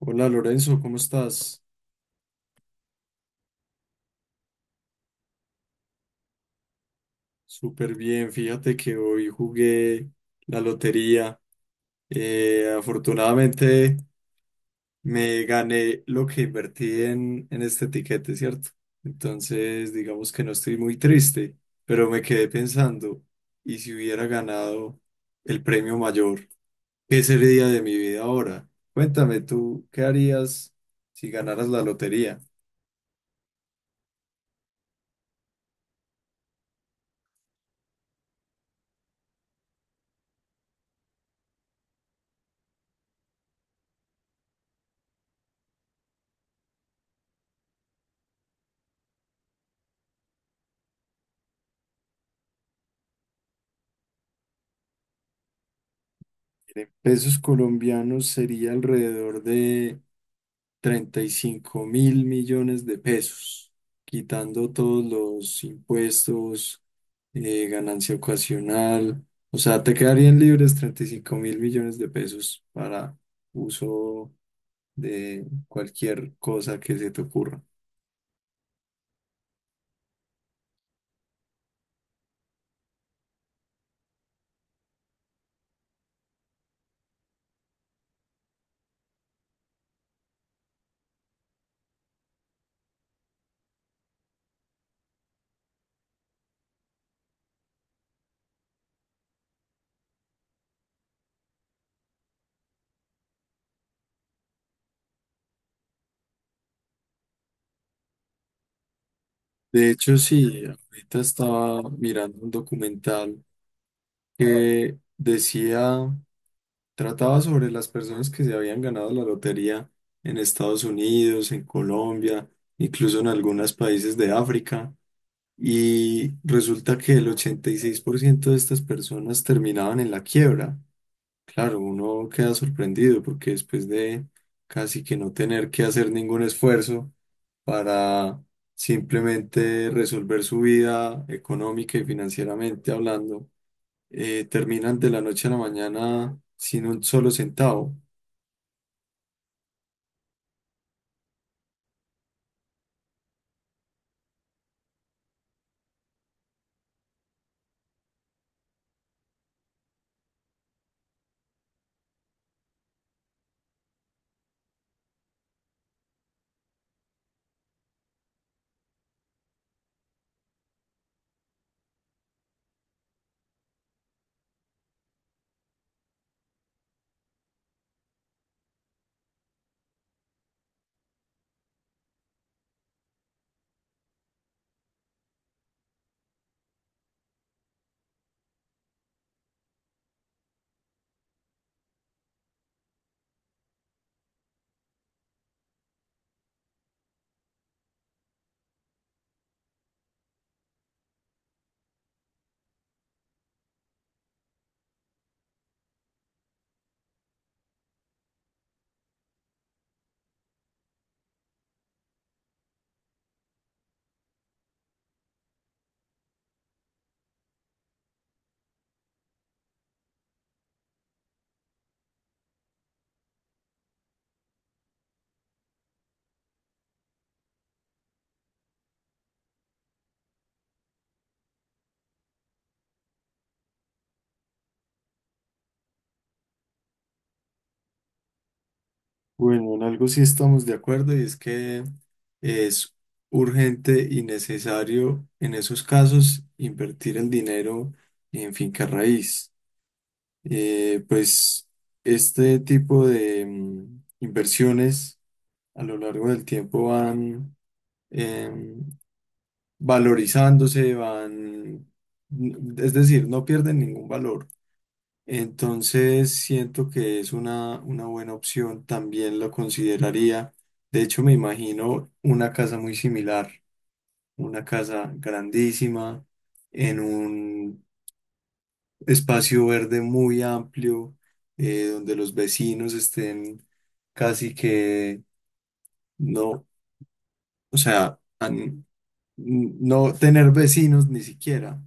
Hola Lorenzo, ¿cómo estás? Súper bien, fíjate que hoy jugué la lotería. Afortunadamente me gané lo que invertí en este tiquete, ¿cierto? Entonces, digamos que no estoy muy triste, pero me quedé pensando, ¿y si hubiera ganado el premio mayor? ¿Qué sería de mi vida ahora? Cuéntame tú, ¿qué harías si ganaras la lotería? En pesos colombianos sería alrededor de 35.000 millones de pesos, quitando todos los impuestos, ganancia ocasional. O sea, te quedarían libres 35.000 millones de pesos para uso de cualquier cosa que se te ocurra. De hecho, sí, ahorita estaba mirando un documental que decía. Trataba sobre las personas que se habían ganado la lotería en Estados Unidos, en Colombia, incluso en algunos países de África. Y resulta que el 86% de estas personas terminaban en la quiebra. Claro, uno queda sorprendido porque después de casi que no tener que hacer ningún esfuerzo para simplemente resolver su vida económica y financieramente hablando, terminan de la noche a la mañana sin un solo centavo. Bueno, en algo sí estamos de acuerdo y es que es urgente y necesario en esos casos invertir el dinero en finca raíz. Pues este tipo de inversiones a lo largo del tiempo van em, valorizándose, van, es decir, no pierden ningún valor. Entonces siento que es una buena opción, también lo consideraría. De hecho, me imagino una casa muy similar, una casa grandísima en un espacio verde muy amplio, donde los vecinos estén casi que no, o sea, no tener vecinos ni siquiera.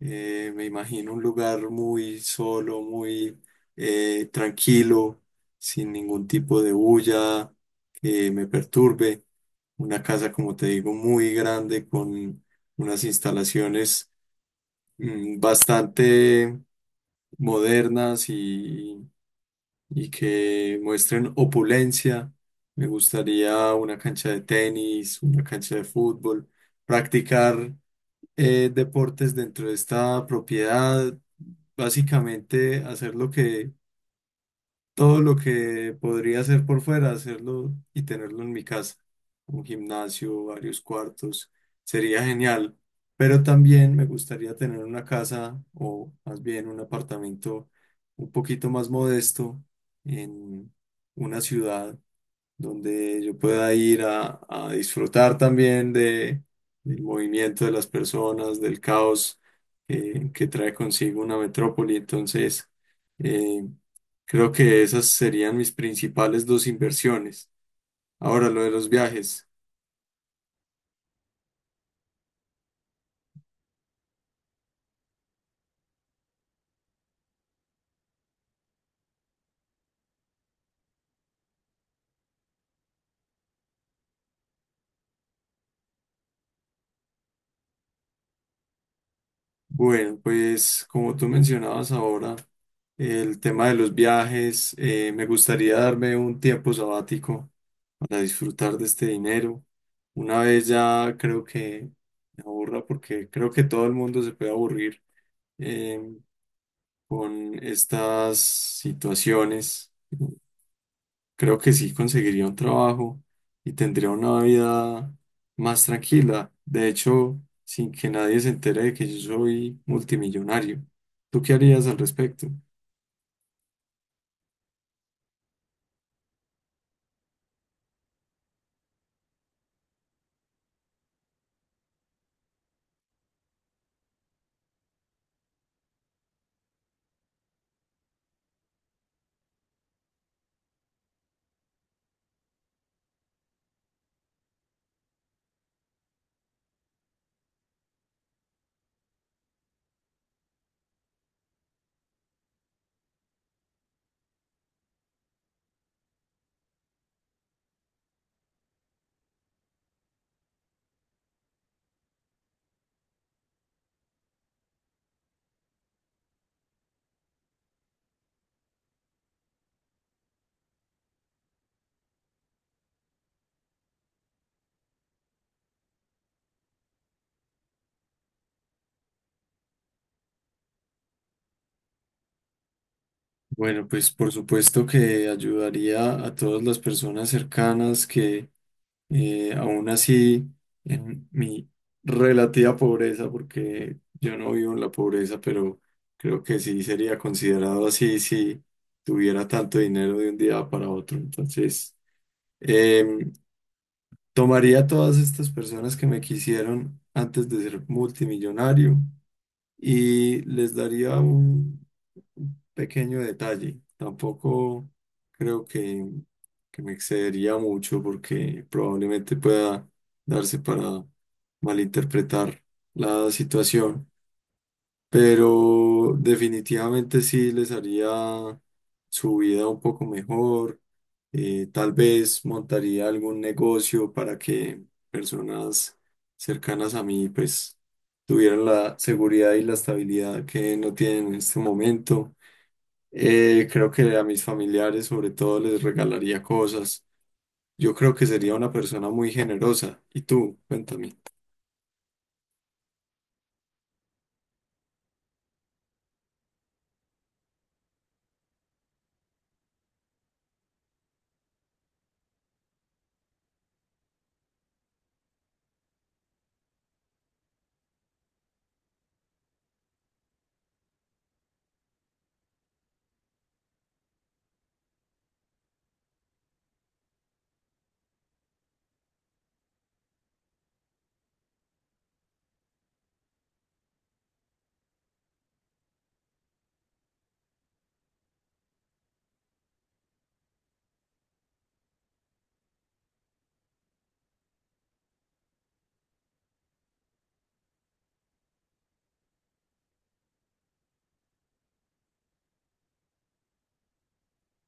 Me imagino un lugar muy solo, muy tranquilo, sin ningún tipo de bulla que me perturbe. Una casa, como te digo, muy grande con unas instalaciones bastante modernas y que muestren opulencia. Me gustaría una cancha de tenis, una cancha de fútbol, practicar deportes dentro de esta propiedad, básicamente hacer lo que todo lo que podría hacer por fuera, hacerlo y tenerlo en mi casa. Un gimnasio, varios cuartos, sería genial. Pero también me gustaría tener una casa o más bien un apartamento un poquito más modesto en una ciudad donde yo pueda ir a disfrutar también del movimiento de las personas, del caos que trae consigo una metrópoli. Entonces, eh, creo que esas serían mis principales dos inversiones. Ahora, lo de los viajes. Bueno, pues como tú mencionabas ahora, el tema de los viajes, me gustaría darme un tiempo sabático para disfrutar de este dinero. Una vez ya creo que me aburra porque creo que todo el mundo se puede aburrir eh, con estas situaciones creo que sí conseguiría un trabajo y tendría una vida más tranquila. De hecho, sin que nadie se entere de que yo soy multimillonario. ¿Tú qué harías al respecto? Bueno, pues por supuesto que ayudaría a todas las personas cercanas que aún así en mi relativa pobreza, porque yo no vivo en la pobreza, pero creo que sí sería considerado así si tuviera tanto dinero de un día para otro. Entonces... Em, Tomaría a todas estas personas que me quisieron antes de ser multimillonario y les daría un pequeño detalle. Tampoco creo que me excedería mucho porque probablemente pueda darse para malinterpretar la situación, pero definitivamente sí les haría su vida un poco mejor. Tal vez montaría algún negocio para que personas cercanas a mí pues tuvieran la seguridad y la estabilidad que no tienen en este momento. Creo que a mis familiares sobre todo les regalaría cosas. Yo creo que sería una persona muy generosa. ¿Y tú? Cuéntame.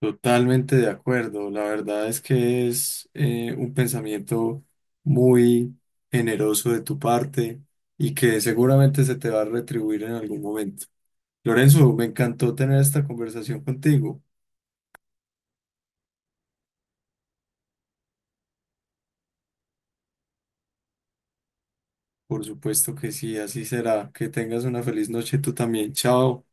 Totalmente de acuerdo. La verdad es que es un pensamiento muy generoso de tu parte y que seguramente se te va a retribuir en algún momento. Lorenzo, me encantó tener esta conversación contigo. Por supuesto que sí, así será. Que tengas una feliz noche tú también. Chao.